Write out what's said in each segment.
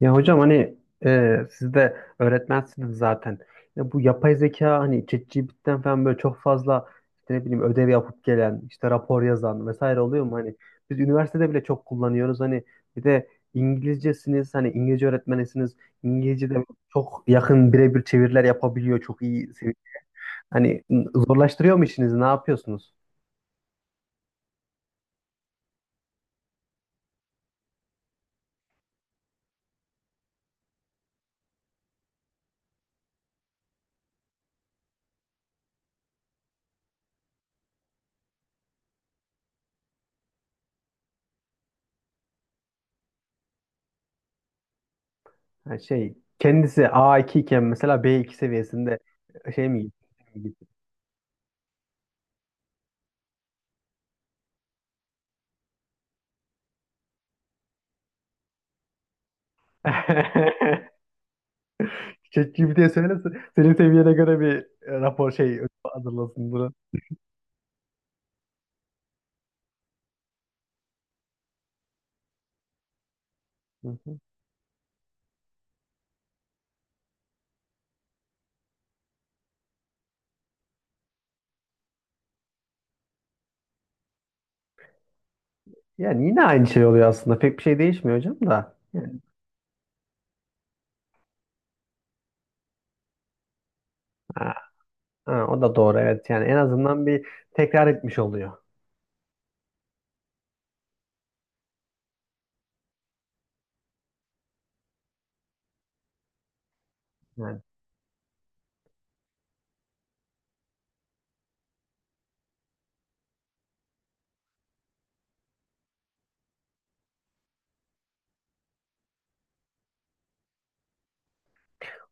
Ya hocam hani siz de öğretmensiniz zaten. Ya bu yapay zeka hani ChatGPT'den falan böyle çok fazla işte ne bileyim ödev yapıp gelen, işte rapor yazan vesaire oluyor mu? Hani biz üniversitede bile çok kullanıyoruz. Hani bir de İngilizcesiniz, hani İngilizce öğretmenisiniz. İngilizce de çok yakın birebir çeviriler yapabiliyor. Çok iyi. Hani zorlaştırıyor mu işinizi? Ne yapıyorsunuz? Yani şey kendisi A2 iken mesela B2 seviyesinde şey mi? Gitti? ChatGPT'ye söyle senin seviyene göre bir rapor şey ödev hazırlasın bunu. Hı hı. Yani yine aynı şey oluyor aslında. Pek bir şey değişmiyor hocam da. Yani, ha, ha, o da doğru evet. Yani en azından bir tekrar etmiş oluyor. Yani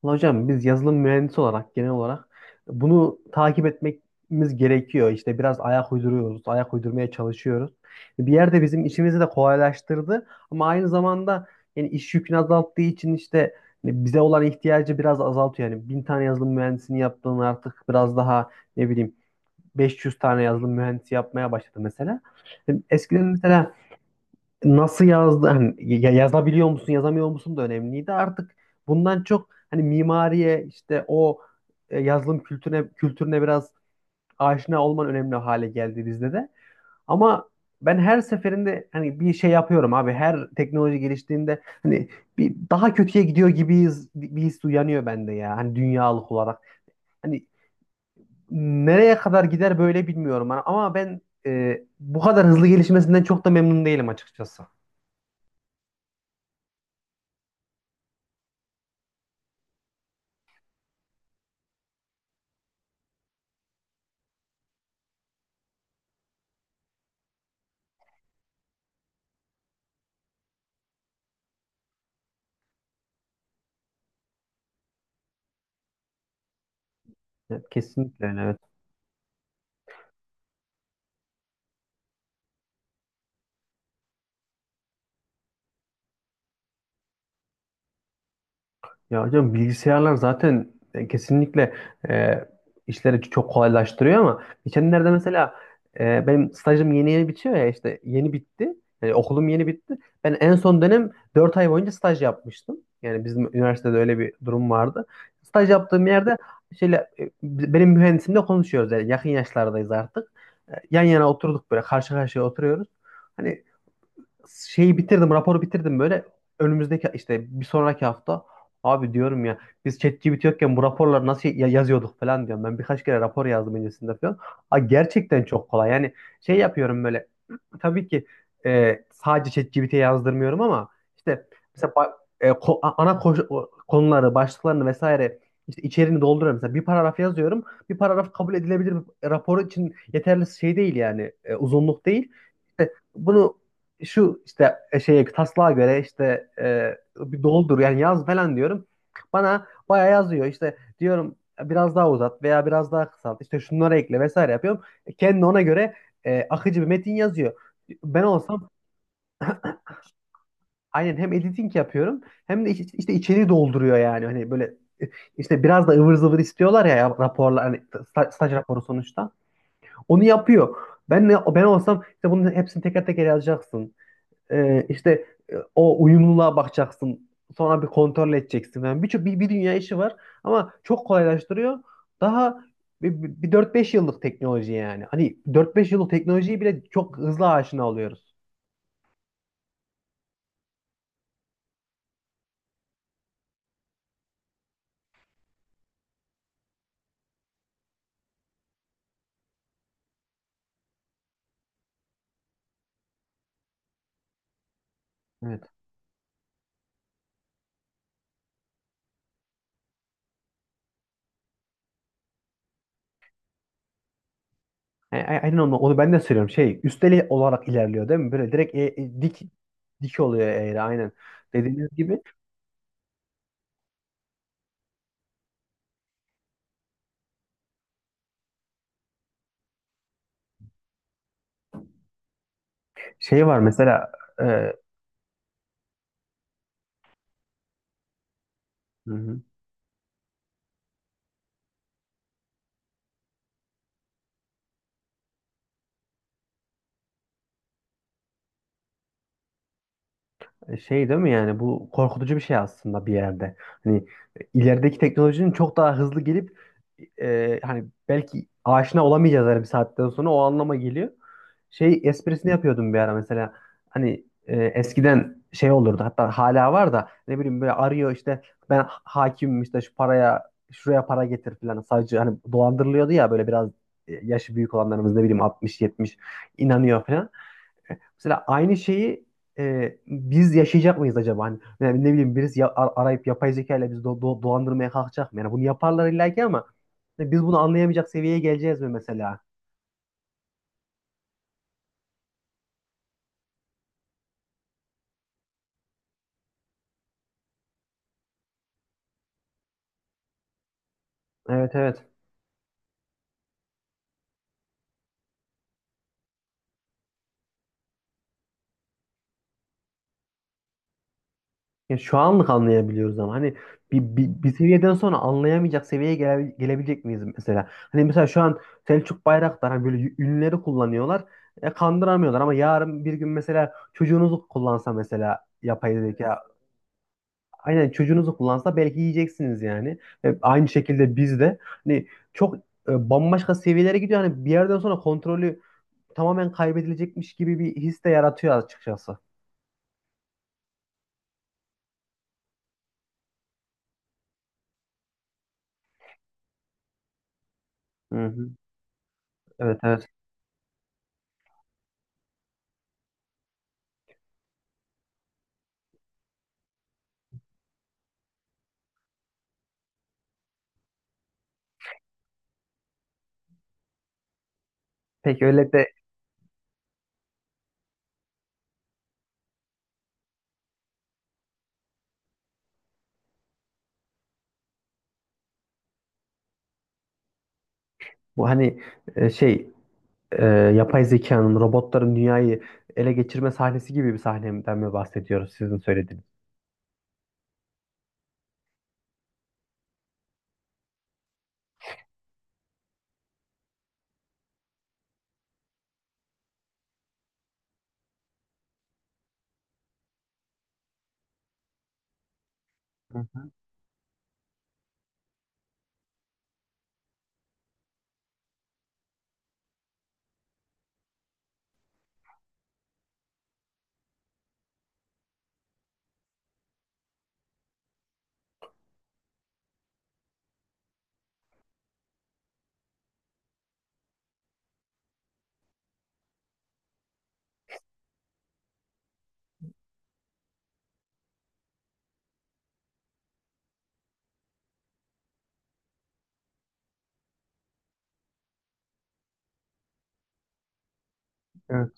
ulan hocam biz yazılım mühendisi olarak genel olarak bunu takip etmemiz gerekiyor. İşte biraz ayak uyduruyoruz, ayak uydurmaya çalışıyoruz. Bir yerde bizim işimizi de kolaylaştırdı ama aynı zamanda yani iş yükünü azalttığı için işte hani bize olan ihtiyacı biraz azaltıyor. Yani bin tane yazılım mühendisini yaptığını artık biraz daha ne bileyim 500 tane yazılım mühendisi yapmaya başladı mesela. Yani eskiden mesela nasıl yazdı hani yazabiliyor musun yazamıyor musun da önemliydi, artık bundan çok hani mimariye işte o yazılım kültürüne biraz aşina olman önemli hale geldi bizde de, ama ben her seferinde hani bir şey yapıyorum abi, her teknoloji geliştiğinde hani bir daha kötüye gidiyor gibiyiz, bir his uyanıyor bende ya, hani dünyalık olarak hani nereye kadar gider böyle bilmiyorum. Hani ama ben bu kadar hızlı gelişmesinden çok da memnun değilim açıkçası. Evet, kesinlikle öyle. Evet. Ya hocam bilgisayarlar zaten kesinlikle e, işleri çok kolaylaştırıyor, ama geçenlerde mesela benim stajım yeni yeni bitiyor ya, işte yeni bitti. Yani okulum yeni bitti. Ben en son dönem 4 ay boyunca staj yapmıştım. Yani bizim üniversitede öyle bir durum vardı. Staj yaptığım yerde şöyle, benim mühendisimle konuşuyoruz, yani yakın yaşlardayız artık. Yan yana oturduk böyle, karşı karşıya oturuyoruz. Hani şeyi bitirdim, raporu bitirdim böyle. Önümüzdeki işte bir sonraki hafta, abi diyorum ya, biz ChatGPT yokken bu raporları nasıl yazıyorduk falan diyorum. Ben birkaç kere rapor yazdım öncesinde falan. Aa, gerçekten çok kolay. Yani şey yapıyorum böyle. Tabii ki sadece ChatGPT'ye yazdırmıyorum ama işte mesela konuları, başlıklarını vesaire işte içeriğini dolduruyorum. Mesela bir paragraf yazıyorum. Bir paragraf kabul edilebilir bir rapor için yeterli şey değil, yani uzunluk değil. İşte bunu şu işte şeye taslağa göre işte bir doldur yani yaz falan diyorum. Bana bayağı yazıyor, işte diyorum biraz daha uzat veya biraz daha kısalt, işte şunları ekle vesaire yapıyorum. E, kendi ona göre akıcı bir metin yazıyor. Ben olsam, aynen, hem editing yapıyorum hem de işte içeriği dolduruyor, yani hani böyle e, işte biraz da ıvır zıvır istiyorlar ya raporlar, hani staj raporu sonuçta. Onu yapıyor. Ben olsam işte bunun hepsini teker teker yazacaksın. İşte o uyumluluğa bakacaksın. Sonra bir kontrol edeceksin. Yani birçok bir dünya işi var ama çok kolaylaştırıyor. Daha bir 4-5 yıllık teknoloji yani. Hani dört beş yıllık teknolojiyi bile çok hızlı aşina oluyoruz. Evet. Aynen onu ben de söylüyorum. Şey, üsteli olarak ilerliyor değil mi? Böyle direkt dik oluyor eğri, aynen. Dediğiniz gibi şey var mesela. e, Şey değil mi, yani bu korkutucu bir şey aslında bir yerde. Hani ilerideki teknolojinin çok daha hızlı gelip hani belki aşina olamayacağız, her bir saatten sonra o anlama geliyor. Şey esprisini yapıyordum bir ara mesela, hani eskiden şey olurdu, hatta hala var da, ne bileyim böyle arıyor işte, ben hakimim işte, şu paraya şuraya para getir falan savcı, hani dolandırılıyordu ya böyle biraz yaşı büyük olanlarımız, ne bileyim altmış yetmiş inanıyor falan. Mesela aynı şeyi biz yaşayacak mıyız acaba? Hani, yani ne bileyim birisi arayıp yapay zeka ile bizi dolandırmaya kalkacak mı? Yani bunu yaparlar illa ki, ama hani biz bunu anlayamayacak seviyeye geleceğiz mi mesela? Evet evet. Ya şu anlık anlayabiliyoruz ama hani bir seviyeden sonra anlayamayacak seviyeye gelebilecek miyiz mesela? Hani mesela şu an Selçuk Bayraktar hani böyle ünleri kullanıyorlar. E, kandıramıyorlar ama yarın bir gün mesela çocuğunuzu kullansa, mesela yapay zeka. Aynen, çocuğunuzu kullansa belki yiyeceksiniz yani. E, aynı şekilde biz de hani çok bambaşka seviyelere gidiyor. Hani bir yerden sonra kontrolü tamamen kaybedilecekmiş gibi bir his de yaratıyor açıkçası. Hı hı. Evet evet. Peki öyle de bu hani şey yapay zekanın, robotların dünyayı ele geçirme sahnesi gibi bir sahneden mi bahsediyoruz sizin söylediğiniz? Hı hı. Evet.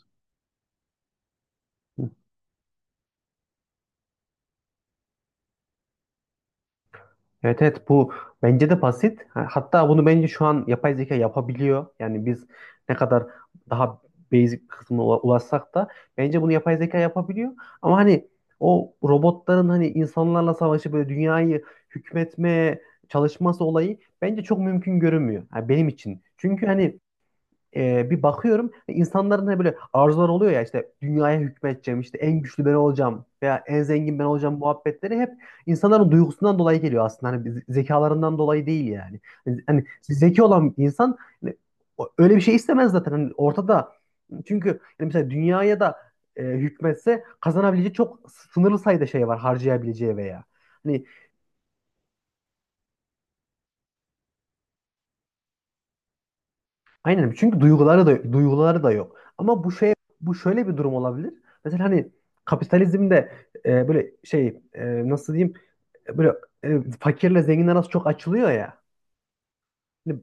Evet evet, bu bence de basit. Hatta bunu bence şu an yapay zeka yapabiliyor. Yani biz ne kadar daha basic kısmına ulaşsak da bence bunu yapay zeka yapabiliyor. Ama hani o robotların hani insanlarla savaşı böyle dünyayı hükmetmeye çalışması olayı bence çok mümkün görünmüyor. Ha, benim için. Çünkü hani bir bakıyorum insanların hani böyle arzular oluyor ya, işte dünyaya hükmedeceğim, işte en güçlü ben olacağım veya en zengin ben olacağım muhabbetleri, hep insanların duygusundan dolayı geliyor aslında, hani zekalarından dolayı değil yani. Hani hani zeki olan bir insan hani öyle bir şey istemez zaten. Hani ortada, çünkü yani mesela dünyaya da hükmetse kazanabileceği çok sınırlı sayıda şey var harcayabileceği veya. Hani aynen, çünkü duyguları da duyguları da yok. Ama bu şey, bu şöyle bir durum olabilir. Mesela hani kapitalizmde böyle şey, nasıl diyeyim, böyle fakirle zengin arası çok açılıyor ya. Hani,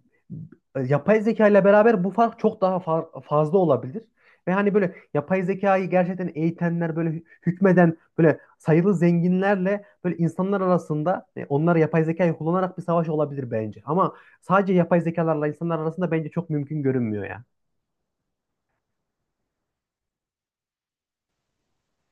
yapay zeka ile beraber bu fark çok daha fazla olabilir. Ve hani böyle yapay zekayı gerçekten eğitenler, böyle hükmeden böyle sayılı zenginlerle böyle insanlar arasında, onlar yapay zekayı kullanarak bir savaş olabilir bence. Ama sadece yapay zekalarla insanlar arasında bence çok mümkün görünmüyor ya.